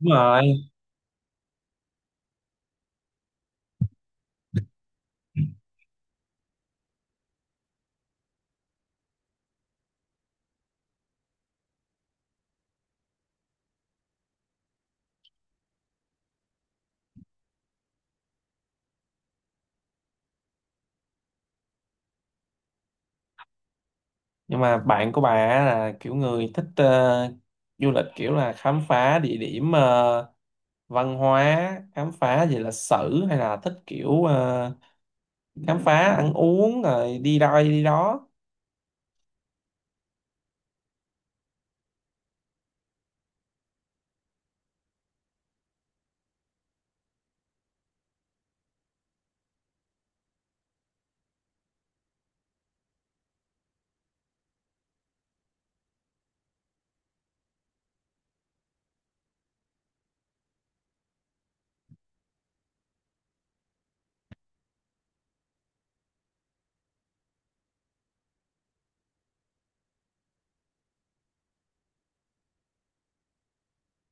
Đúng rồi, nhưng mà bạn của bà á là kiểu người thích du lịch kiểu là khám phá địa điểm văn hóa, khám phá về lịch sử hay là thích kiểu khám phá ăn uống rồi đi đây đi đó.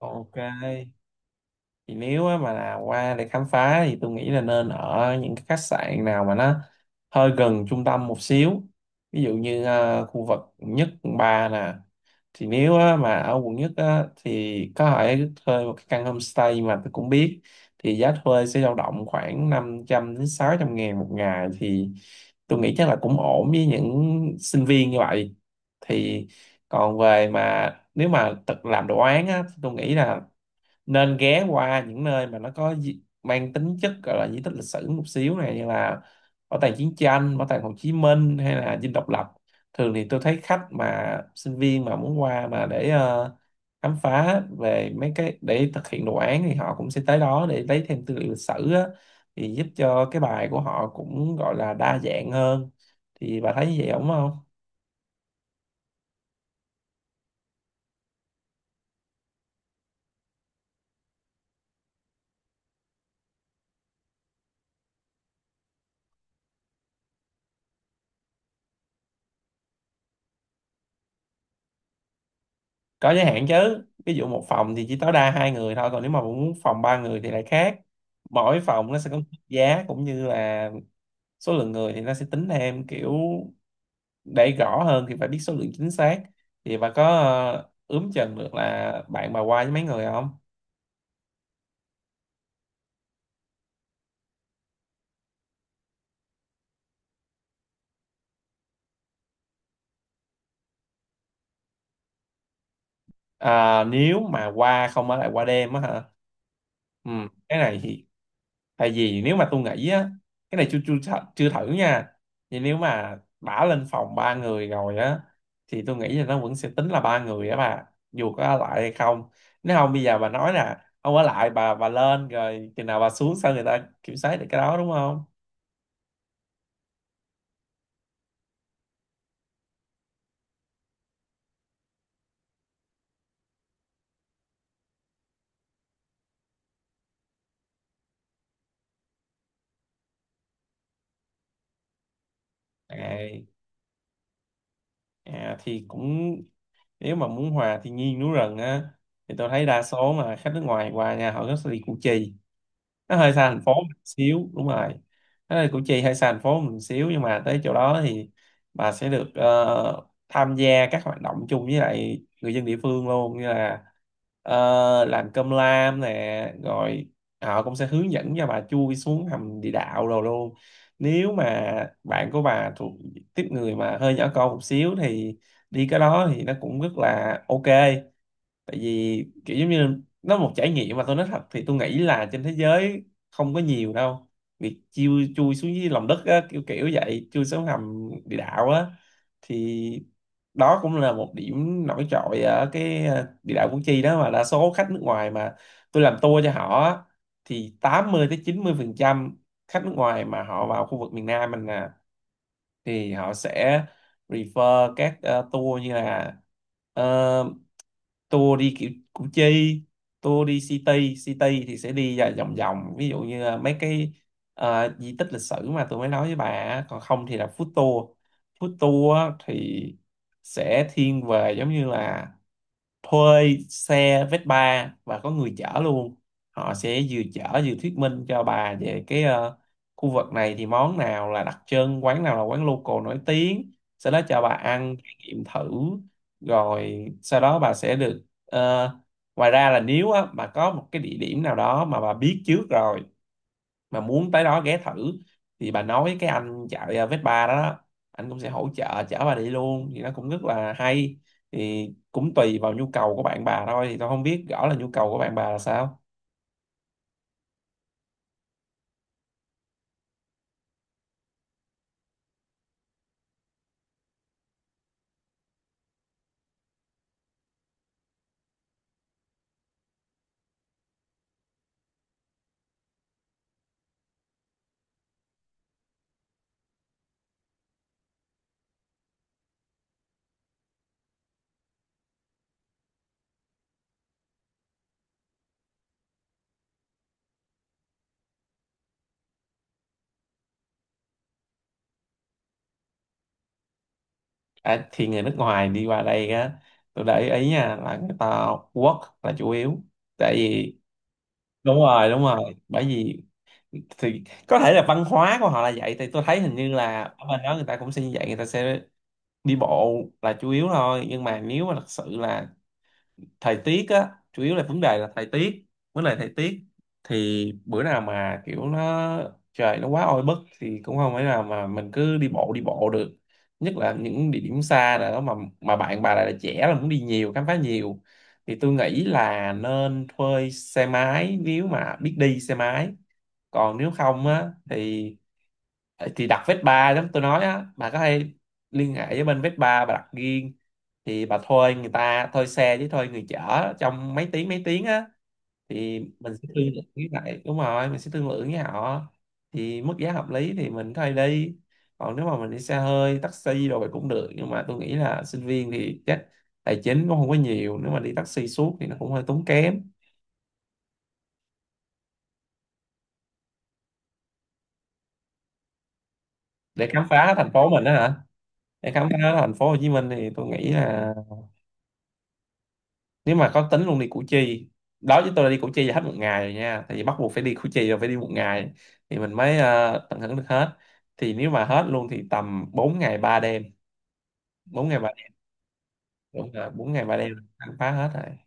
Ok. Thì nếu á mà là qua để khám phá thì tôi nghĩ là nên ở những cái khách sạn nào mà nó hơi gần trung tâm một xíu, ví dụ như khu vực quận nhất quận ba nè. Thì nếu á, mà ở quận nhất á, thì có thể thuê một cái căn homestay mà tôi cũng biết, thì giá thuê sẽ dao động khoảng 500 đến 600 ngàn một ngày, thì tôi nghĩ chắc là cũng ổn với những sinh viên như vậy thì. Còn về mà nếu mà tự làm đồ án á, thì tôi nghĩ là nên ghé qua những nơi mà nó có mang tính chất gọi là di tích lịch sử một xíu này, như là bảo tàng chiến tranh, bảo tàng Hồ Chí Minh hay là Dinh Độc Lập. Thường thì tôi thấy khách mà sinh viên mà muốn qua mà để khám phá về mấy cái để thực hiện đồ án thì họ cũng sẽ tới đó để lấy thêm tư liệu lịch sử á, thì giúp cho cái bài của họ cũng gọi là đa dạng hơn. Thì bà thấy như vậy đúng không? Có giới hạn chứ, ví dụ một phòng thì chỉ tối đa hai người thôi, còn nếu mà muốn phòng ba người thì lại khác. Mỗi phòng nó sẽ có mức giá cũng như là số lượng người thì nó sẽ tính thêm kiểu, để rõ hơn thì phải biết số lượng chính xác. Thì bà có ướm chừng được là bạn bà qua với mấy người không? À, nếu mà qua không ở lại qua đêm á hả, ừ, cái này thì, tại vì nếu mà tôi nghĩ á, cái này chưa chưa thử- chưa thử nha. Thì nếu mà đã lên phòng ba người rồi á thì tôi nghĩ là nó vẫn sẽ tính là ba người á bà, dù có ở lại hay không. Nếu không bây giờ bà nói nè, không ở lại bà lên rồi chừng nào bà xuống sao người ta kiểm soát được cái đó, đúng không? Đấy. À, thì cũng, nếu mà muốn hòa thiên nhiên núi rừng á thì tôi thấy đa số mà khách nước ngoài qua nhà họ rất sẽ đi Củ Chi, nó hơi xa thành phố một xíu, đúng rồi. Nó là Củ Chi hơi xa thành phố một xíu nhưng mà tới chỗ đó thì bà sẽ được tham gia các hoạt động chung với lại người dân địa phương luôn, như là làm cơm lam nè, rồi họ cũng sẽ hướng dẫn cho bà chui xuống hầm địa đạo rồi luôn. Nếu mà bạn của bà thuộc tiếp người mà hơi nhỏ con một xíu thì đi cái đó thì nó cũng rất là ok. Tại vì kiểu giống như là nó một trải nghiệm mà tôi nói thật thì tôi nghĩ là trên thế giới không có nhiều đâu, việc chui chui xuống dưới lòng đất á, kiểu kiểu vậy, chui xuống hầm địa đạo á. Thì đó cũng là một điểm nổi trội ở cái địa đạo Củ Chi đó, mà đa số khách nước ngoài mà tôi làm tour cho họ á, thì 80 tới 90% khách nước ngoài mà họ vào khu vực miền Nam mình nè thì họ sẽ refer các tour, như là ờ, tour đi kiểu Củ Chi, tour đi City City thì sẽ đi ra vòng vòng, ví dụ như là mấy cái di tích lịch sử mà tôi mới nói với bà á. Còn không thì là food tour. Food tour á thì sẽ thiên về giống như là thuê xe Vespa và có người chở luôn, họ sẽ vừa chở vừa thuyết minh cho bà về cái khu vực này thì món nào là đặc trưng, quán nào là quán local nổi tiếng, sau đó cho bà ăn trải nghiệm thử. Rồi sau đó bà sẽ được ngoài ra là nếu á, bà có một cái địa điểm nào đó mà bà biết trước rồi mà muốn tới đó ghé thử, thì bà nói cái anh chạy Vespa đó, anh cũng sẽ hỗ trợ chở bà đi luôn thì nó cũng rất là hay. Thì cũng tùy vào nhu cầu của bạn bà thôi, thì tôi không biết rõ là nhu cầu của bạn bà là sao. À, thì người nước ngoài đi qua đây á, tôi để ý nha là người ta work là chủ yếu, tại vì đúng rồi, đúng rồi, bởi vì, thì có thể là văn hóa của họ là vậy, thì tôi thấy hình như là ở bên đó người ta cũng sẽ như vậy, người ta sẽ đi bộ là chủ yếu thôi. Nhưng mà nếu mà thật sự là thời tiết á, chủ yếu là vấn đề là thời tiết, vấn đề thời tiết, thì bữa nào mà kiểu nó trời nó quá oi bức thì cũng không phải nào mà mình cứ đi bộ được, nhất là những địa điểm xa nào đó mà bạn bà lại là trẻ là muốn đi nhiều khám phá nhiều, thì tôi nghĩ là nên thuê xe máy nếu mà biết đi xe máy. Còn nếu không á thì đặt Vespa giống tôi nói á, bà có thể liên hệ với bên Vespa bà đặt riêng. Thì bà thuê người ta, thuê xe với thuê người chở trong mấy tiếng á thì mình sẽ thương lượng với lại, đúng rồi, mình sẽ thương lượng với họ, thì mức giá hợp lý thì mình thuê đi. Còn nếu mà mình đi xe hơi taxi rồi vậy cũng được, nhưng mà tôi nghĩ là sinh viên thì chắc tài chính cũng không có nhiều, nếu mà đi taxi suốt thì nó cũng hơi tốn kém. Để khám phá thành phố mình đó hả, để khám phá thành phố Hồ Chí Minh thì tôi nghĩ là nếu mà có tính luôn đi Củ Chi, đó chứ tôi đã đi Củ Chi là hết một ngày rồi nha, tại vì bắt buộc phải đi Củ Chi rồi phải đi một ngày thì mình mới tận hưởng được hết. Thì nếu mà hết luôn thì tầm 4 ngày 3 đêm, 4 ngày 3 đêm, đúng rồi, 4 ngày 3 đêm. Ăn phá hết rồi.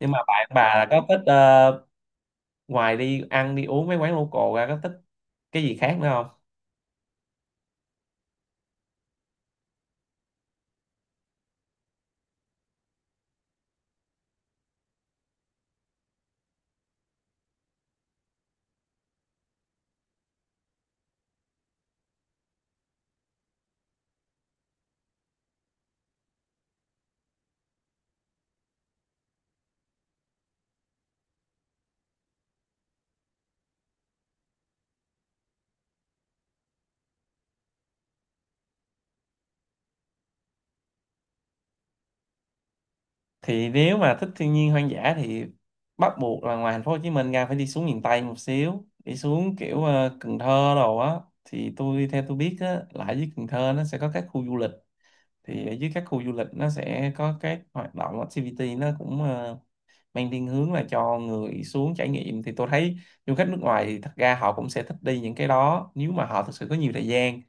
Nhưng mà bạn bà là có thích ngoài đi ăn đi uống mấy quán local ra, có thích cái gì khác nữa? Thì nếu mà thích thiên nhiên hoang dã thì bắt buộc là ngoài thành phố Hồ Chí Minh ra phải đi xuống miền Tây một xíu, đi xuống kiểu Cần Thơ đồ á. Thì tôi theo tôi biết á là ở dưới Cần Thơ nó sẽ có các khu du lịch, thì ở dưới các khu du lịch nó sẽ có các hoạt động activity, nó cũng mang thiên hướng là cho người xuống trải nghiệm. Thì tôi thấy du khách nước ngoài thì thật ra họ cũng sẽ thích đi những cái đó nếu mà họ thực sự có nhiều thời gian.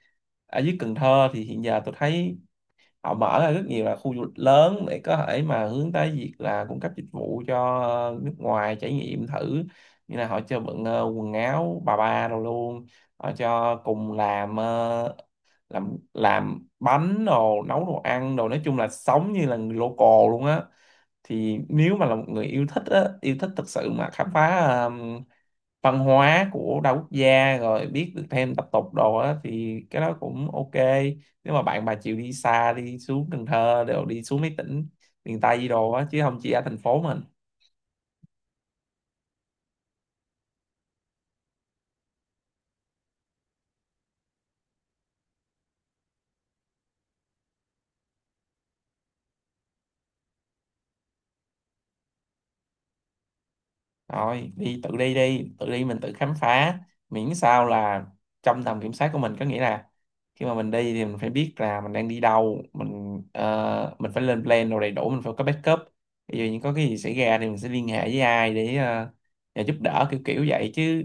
Ở dưới Cần Thơ thì hiện giờ tôi thấy họ mở ra rất nhiều là khu du lịch lớn để có thể mà hướng tới việc là cung cấp dịch vụ cho nước ngoài trải nghiệm thử, như là họ cho bận quần áo bà ba đồ luôn, họ cho cùng làm làm bánh đồ, nấu đồ ăn đồ, nói chung là sống như là người local luôn á. Thì nếu mà là một người yêu thích á, yêu thích thật sự mà khám phá văn hóa của đa quốc gia rồi biết được thêm tập tục đồ á thì cái đó cũng ok. Nếu mà bạn bà chịu đi xa đi xuống Cần Thơ đều đi xuống mấy tỉnh miền Tây gì đồ á chứ không chỉ ở thành phố mình. Rồi đi tự đi mình tự khám phá, miễn sao là trong tầm kiểm soát của mình, có nghĩa là khi mà mình đi thì mình phải biết là mình đang đi đâu, mình mình phải lên plan đồ đầy đủ, mình phải có backup, ví dụ như có cái gì xảy ra thì mình sẽ liên hệ với ai để nhờ giúp đỡ, kiểu kiểu vậy chứ.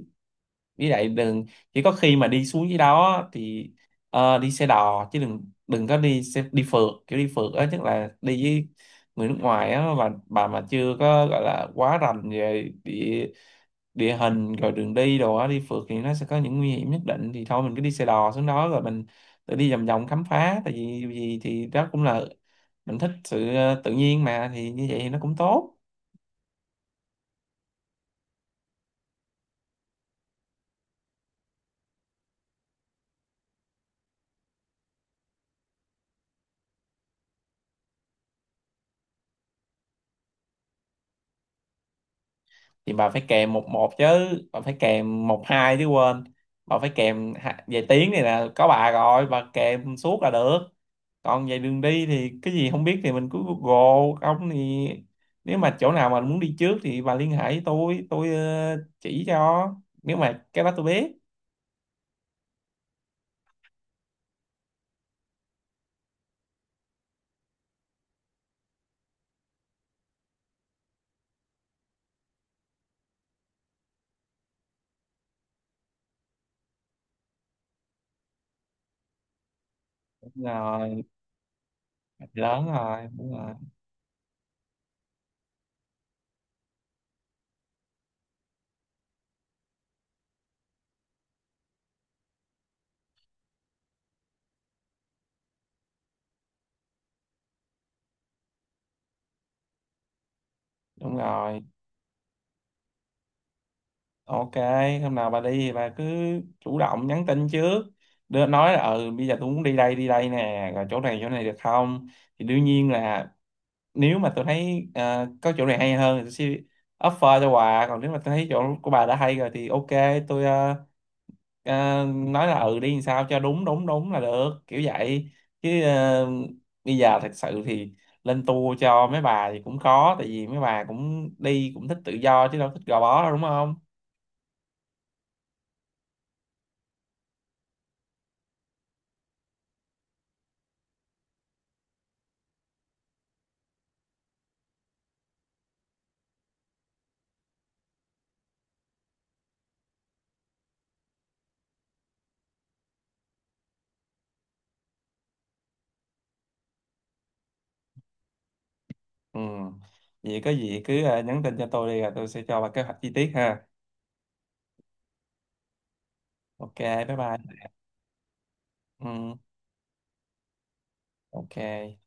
Với lại đừng, chỉ có khi mà đi xuống dưới đó thì đi xe đò chứ đừng đừng có đi xe đi phượt, kiểu đi phượt á tức là đi với người nước ngoài á, và bà mà chưa có gọi là quá rành về địa địa hình rồi đường đi đồ á, đi phượt thì nó sẽ có những nguy hiểm nhất định, thì thôi mình cứ đi xe đò xuống đó rồi mình tự đi vòng vòng khám phá, tại vì gì thì đó cũng là mình thích sự tự nhiên mà, thì như vậy thì nó cũng tốt. Thì bà phải kèm một một chứ, bà phải kèm một hai chứ quên, bà phải về tiếng này là có bà rồi bà kèm suốt là được. Còn về đường đi thì cái gì không biết thì mình cứ Google, không thì nếu mà chỗ nào mà muốn đi trước thì bà liên hệ với tôi chỉ cho nếu mà cái đó tôi biết. Đúng rồi. Lớn rồi, đúng rồi, đúng rồi. Ok, hôm nào bà đi thì bà cứ chủ động nhắn tin trước. Đưa nói là ừ bây giờ tôi muốn đi đây nè, rồi chỗ này được không? Thì đương nhiên là nếu mà tôi thấy có chỗ này hay hơn thì tôi sẽ offer cho bà, còn nếu mà tôi thấy chỗ của bà đã hay rồi thì ok, tôi nói là ừ đi làm sao cho đúng đúng đúng là được, kiểu vậy. Chứ bây giờ thật sự thì lên tour cho mấy bà thì cũng khó, tại vì mấy bà cũng đi cũng thích tự do chứ đâu thích gò bó đâu, đúng không? Ừ. Vậy có gì cứ nhắn tin cho tôi đi rồi tôi sẽ cho bà kế hoạch chi tiết ha. Ok, bye bye. Ừ. Ok.